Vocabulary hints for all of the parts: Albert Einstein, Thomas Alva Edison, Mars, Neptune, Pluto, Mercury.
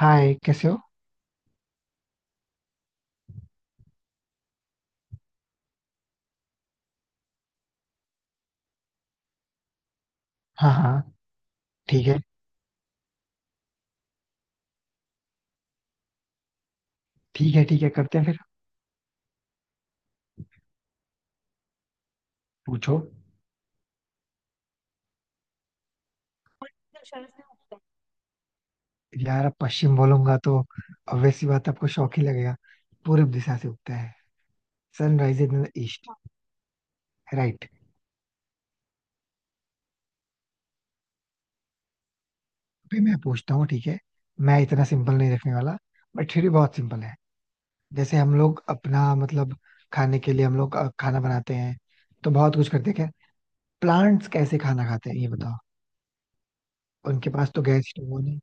हाय, कैसे हो। हाँ, हाँ। ठीक है। ठीक है, ठीक है, करते हैं फिर। पूछो। यार, अब पश्चिम बोलूंगा तो obvious सी बात है, आपको शौक ही लगेगा। पूर्व दिशा से उगता है। Sunrise in the east. Right. अभी मैं पूछता हूँ, ठीक है। मैं इतना सिंपल नहीं रखने वाला, बट फिर भी बहुत सिंपल है। जैसे हम लोग अपना मतलब खाने के लिए हम लोग खाना बनाते हैं, तो बहुत कुछ करते हैं क्या। प्लांट्स कैसे खाना खाते हैं, ये बताओ। उनके पास तो गैस स्टोव नहीं।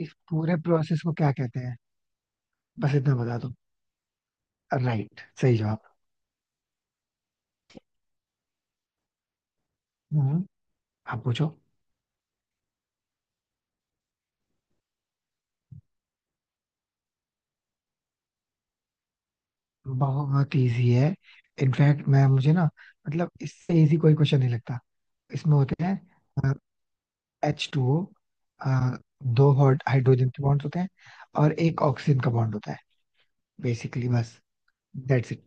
इस पूरे प्रोसेस को क्या कहते हैं। बस इतना बता दो। राइट, सही जवाब। हम्म। आप पूछो। बहुत इजी है। इनफैक्ट मैं मुझे ना, मतलब इससे इजी कोई क्वेश्चन नहीं लगता। इसमें होते हैं एच टू ओ। दो हाइड्रोजन के बॉन्ड होते हैं और एक ऑक्सीजन का बॉन्ड होता है। बेसिकली बस, दैट्स इट।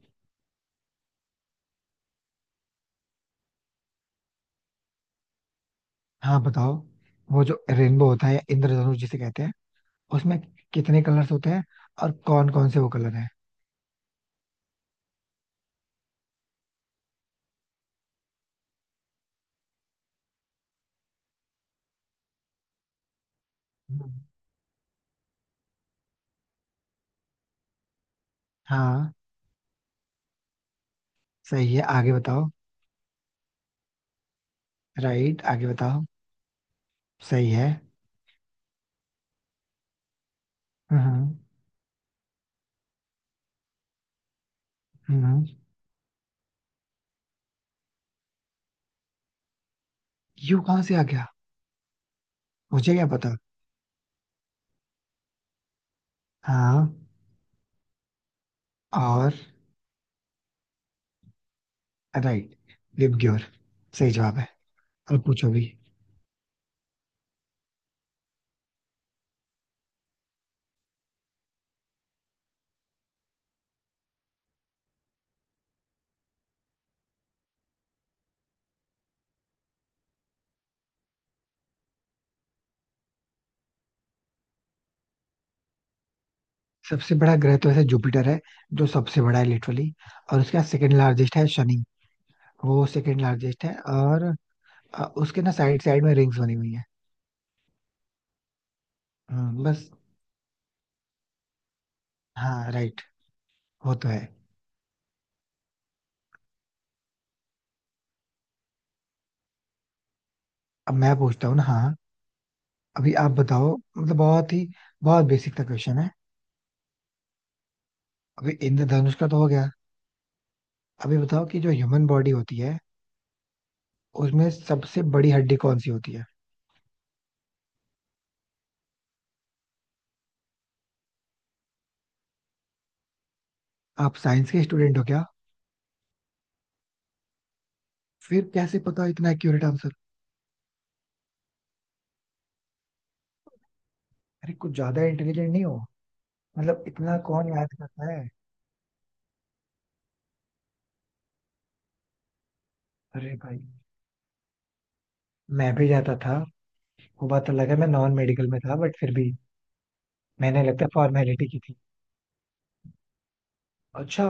हाँ, बताओ। वो जो रेनबो होता है या इंद्रधनुष जिसे कहते हैं, उसमें कितने कलर्स होते हैं और कौन कौन से वो कलर हैं। हम्म। हाँ, सही है, आगे बताओ। राइट, आगे बताओ। सही है। हम्म, हम्म, हम्म। यू कहाँ से आ गया। मुझे क्या पता। हाँ। और। राइट। लिपग्योर। सही जवाब है। अब पूछो भी। सबसे बड़ा ग्रह तो ऐसे जुपिटर है, जो सबसे बड़ा है लिटरली। और उसके बाद सेकंड लार्जेस्ट है शनि। वो सेकंड लार्जेस्ट है, और उसके ना साइड साइड में रिंग्स बनी हुई है। बस। हाँ, राइट। वो तो है। अब मैं पूछता हूँ ना, हाँ। अभी आप बताओ, मतलब बहुत ही बहुत बेसिक सा क्वेश्चन है। अभी इंद्रधनुष का तो हो गया। अभी बताओ कि जो ह्यूमन बॉडी होती है, उसमें सबसे बड़ी हड्डी कौन सी होती है। आप साइंस के स्टूडेंट हो क्या। फिर कैसे पता इतना एक्यूरेट आंसर। अरे, कुछ ज्यादा इंटेलिजेंट नहीं हो। मतलब इतना कौन याद करता है। अरे भाई, मैं भी जाता था। वो बात अलग है, मैं नॉन मेडिकल में था, बट फिर भी मैंने लगता है फॉर्मेलिटी की थी। अच्छा।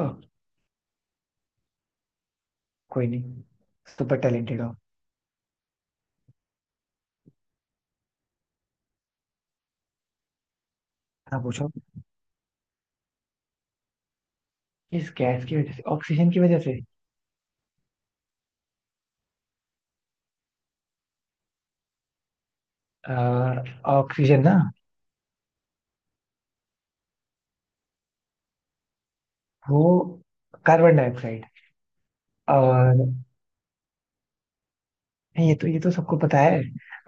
कोई नहीं, सुपर टैलेंटेड हो। हाँ, पूछो। इस गैस की वजह से, ऑक्सीजन की वजह से। अ, ऑक्सीजन ना। वो कार्बन डाइऑक्साइड। और नहीं, ये तो सबको पता है।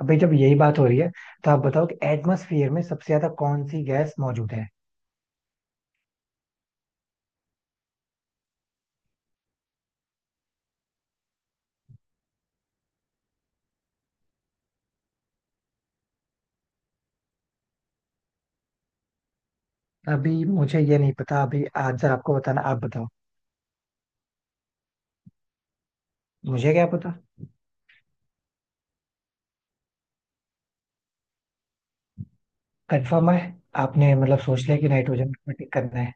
अभी जब यही बात हो रही है, तो आप बताओ कि एटमॉस्फेयर में सबसे ज्यादा कौन सी गैस मौजूद है। अभी मुझे ये नहीं पता, अभी आंसर आपको बताना, आप बताओ। मुझे क्या पता। कंफर्म है। आपने मतलब सोच लिया कि नाइट्रोजन को टिक करना है।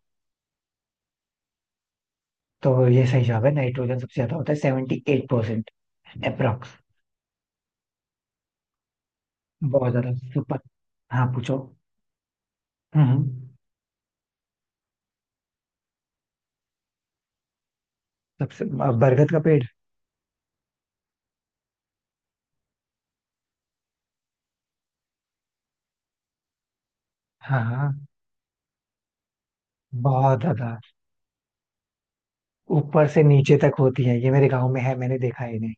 तो ये सही जवाब है, नाइट्रोजन सबसे ज्यादा होता है, 78%। अप्रोक्स। बहुत ज्यादा सुपर। हाँ, पूछो। हम्म, सबसे बरगद का पेड़। हाँ, हाँ। बहुत ज्यादा। ऊपर से नीचे तक होती है, ये मेरे गांव में है, मैंने देखा है इन्हें।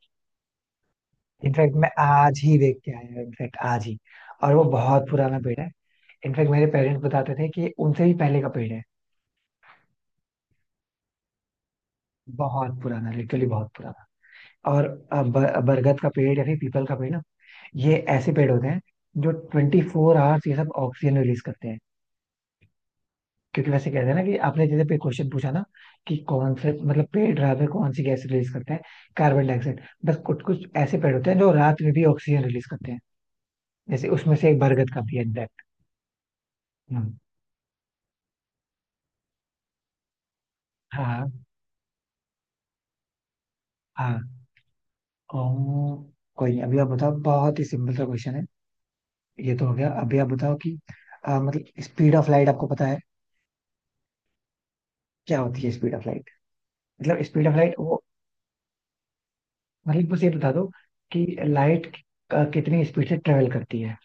इनफैक्ट मैं आज ही देख के आया हूँ, इनफैक्ट आज ही। और वो बहुत पुराना पेड़ है। इनफैक्ट मेरे पेरेंट्स बताते थे कि ये उनसे भी पहले का पेड़ है। बहुत पुराना, लिटरली बहुत पुराना। और बरगद का पेड़ या फिर पीपल का पेड़ ना, ये ऐसे पेड़ होते हैं जो 24 आवर्स ये सब ऑक्सीजन रिलीज करते हैं। क्योंक्योंकि वैसे कहते हैं ना, कि आपने जैसे पे क्वेश्चन पूछा ना कि कौन से मतलब पेड़ रात में कौन सी गैस रिलीज करते हैं, कार्बन डाइऑक्साइड। बस कुछ कुछ ऐसे पेड़ होते हैं जो रात में भी ऑक्सीजन रिलीज करते हैं। जैसे उसमें से एक बरगद का भी है इनफैक्ट। हाँ, हाँ। ओह। कोई नहीं, अभी आप बताओ, बहुत ही सिंपल सा क्वेश्चन है। ये तो हो गया, अभी आप बताओ कि मतलब स्पीड ऑफ लाइट आपको पता है क्या होती है स्पीड ऑफ लाइट। मतलब स्पीड ऑफ लाइट, वो मतलब बस ये बता दो कि लाइट कितनी स्पीड से ट्रेवल करती है।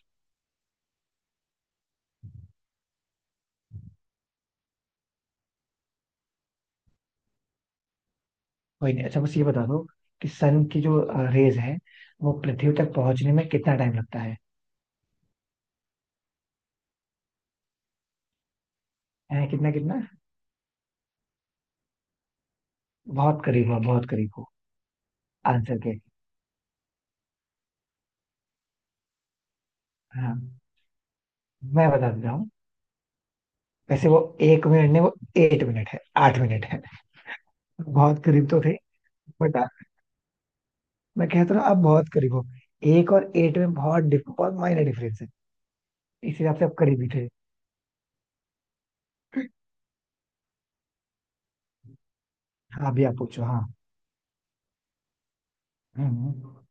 कोई नहीं, अच्छा, बस ये बता दो कि सन की जो रेज है वो पृथ्वी तक पहुंचने में कितना टाइम लगता है। हैं, कितना कितना। बहुत करीब हो, बहुत करीब हो, आंसर के। हाँ, मैं बता देता हूँ। वैसे वो एक मिनट नहीं, वो 8 मिनट है, 8 मिनट है। बहुत करीब तो थे, बट मैं कहता हूँ आप बहुत करीब हो। 1 और 8 में बहुत बहुत माइनर डिफरेंस है। इस हिसाब से आप करीब ही थे। हाँ, अभी आप पूछो, हाँ। हम्म, हम्म।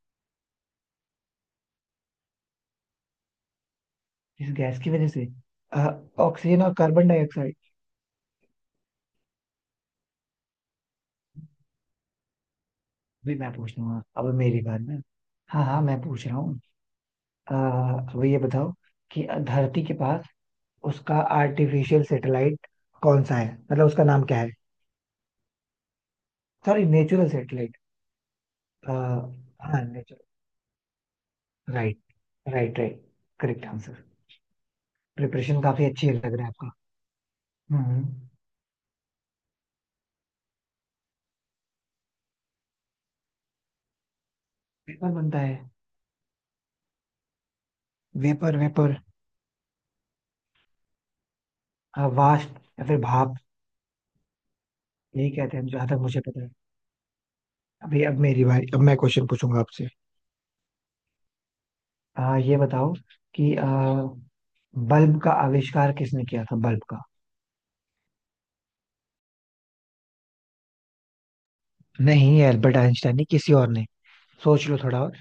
इस गैस की वजह से, अ, ऑक्सीजन और कार्बन डाइऑक्साइड। भी मैं पूछ लूंगा, अब मेरी बात ना। हाँ, हाँ, मैं पूछ रहा हूँ। अब ये बताओ कि धरती के पास उसका आर्टिफिशियल सैटेलाइट कौन सा है, मतलब उसका नाम क्या है। Sorry, natural satellite. हाँ, natural. Right, right, right. Correct answer. Preparation काफी अच्छी लग रहा है आपका। हम्म। हम्म। वेपर बनता है। Vapour, vapour. वाष्प या फिर भाप। यही कहते हैं जहां तक मुझे पता है। अभी अब मेरी बारी, अब मैं क्वेश्चन पूछूंगा आपसे। ये बताओ कि बल्ब का आविष्कार किसने किया था, बल्ब का। नहीं, एल्बर्ट आइंस्टाइन नहीं, किसी और ने। सोच लो थोड़ा और।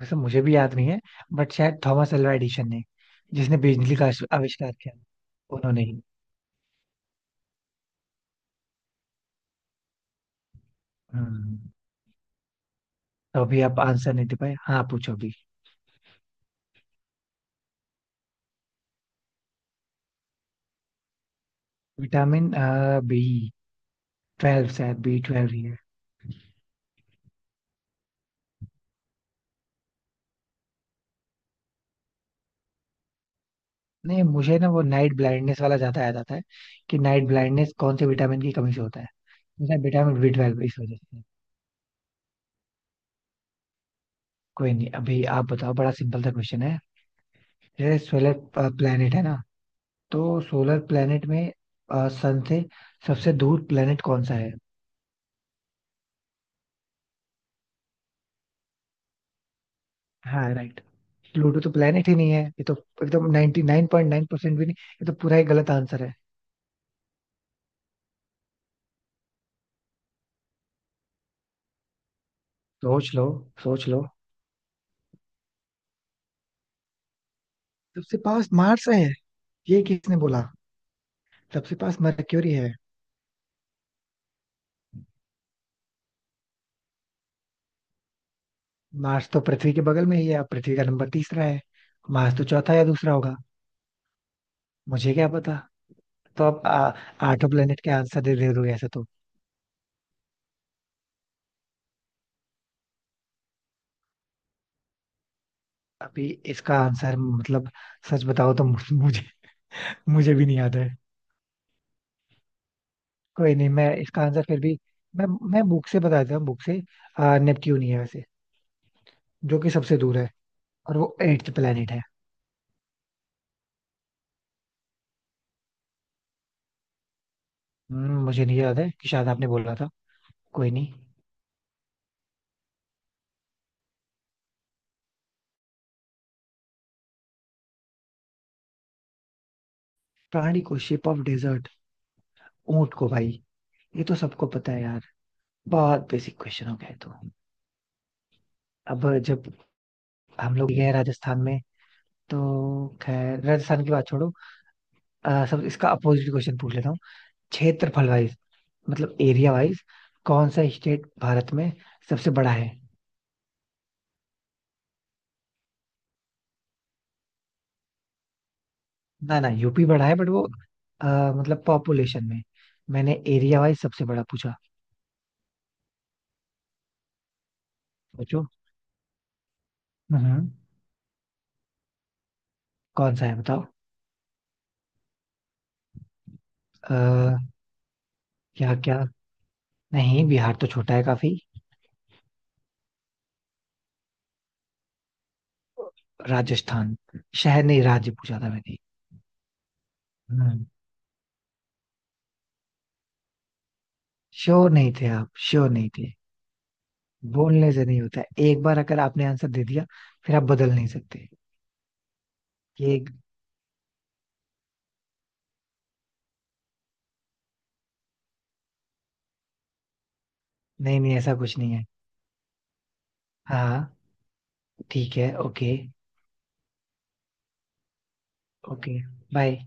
वैसे मुझे भी याद नहीं है, बट शायद थॉमस अल्वा एडिसन ने, जिसने बिजली का आविष्कार किया, उन्होंने ही। हम्म। तो अभी आप आंसर नहीं दे पाए। हाँ, पूछो अभी। विटामिन B12 शायद B12। नहीं, मुझे ना वो नाइट ब्लाइंडनेस वाला ज्यादा याद आता है, कि नाइट ब्लाइंडनेस कौन से विटामिन की कमी से होता है। जैसे विटामिन B12 इस वजह से। कोई नहीं, अभी आप बताओ, बड़ा सिंपल सा क्वेश्चन है। जैसे सोलर प्लेनेट है ना, तो सोलर प्लेनेट में सन से सबसे दूर प्लेनेट कौन सा है। हाँ, राइट। प्लूटो तो प्लेनेट ही नहीं है, ये तो एकदम 99.9% भी नहीं। ये तो पूरा ही गलत आंसर है। सोच लो, सोच लो। सबसे पास मार्स है, ये किसने बोला। सबसे पास मरक्यूरी है। मार्स तो पृथ्वी के बगल में ही है, अब पृथ्वी का नंबर तीसरा है। मार्स तो चौथा या दूसरा होगा, मुझे क्या पता। तो आप आठों प्लेनेट के आंसर दे दे दोगे ऐसे तो। अभी इसका आंसर, मतलब सच बताओ तो मुझे मुझे मुझे भी नहीं याद है। कोई नहीं, मैं इसका आंसर फिर भी, मैं बुक से बता देता हूँ, बुक से। नेपच्यून ही है वैसे, जो कि सबसे दूर है और वो 8th प्लेनेट है। मुझे नहीं याद है कि शायद आपने बोला था। कोई नहीं। प्राणी को शेप ऑफ डेजर्ट, ऊंट को भाई। ये तो सबको पता है यार, बहुत बेसिक क्वेश्चन हो गया ये तो। अब जब हम लोग गए राजस्थान में, तो खैर राजस्थान की बात छोड़ो। सब इसका अपोजिट क्वेश्चन पूछ लेता हूँ। क्षेत्रफल वाइज, मतलब एरिया वाइज, कौन सा स्टेट भारत में सबसे बड़ा है। ना, ना, यूपी बड़ा है, बट वो अ, मतलब पॉपुलेशन में। मैंने एरिया वाइज सबसे बड़ा पूछा। सोचो। हम्म। कौन सा है, बताओ। आ, क्या, क्या। नहीं, बिहार तो छोटा है काफी। राजस्थान। शहर नहीं, राज्य पूछा था मैंने। हम्म। श्योर नहीं थे आप, श्योर नहीं थे। बोलने से नहीं होता है, एक बार अगर आपने आंसर दे दिया, फिर आप बदल नहीं सकते। ये नहीं, नहीं, ऐसा कुछ नहीं है। हाँ, ठीक है, ओके। Okay, bye.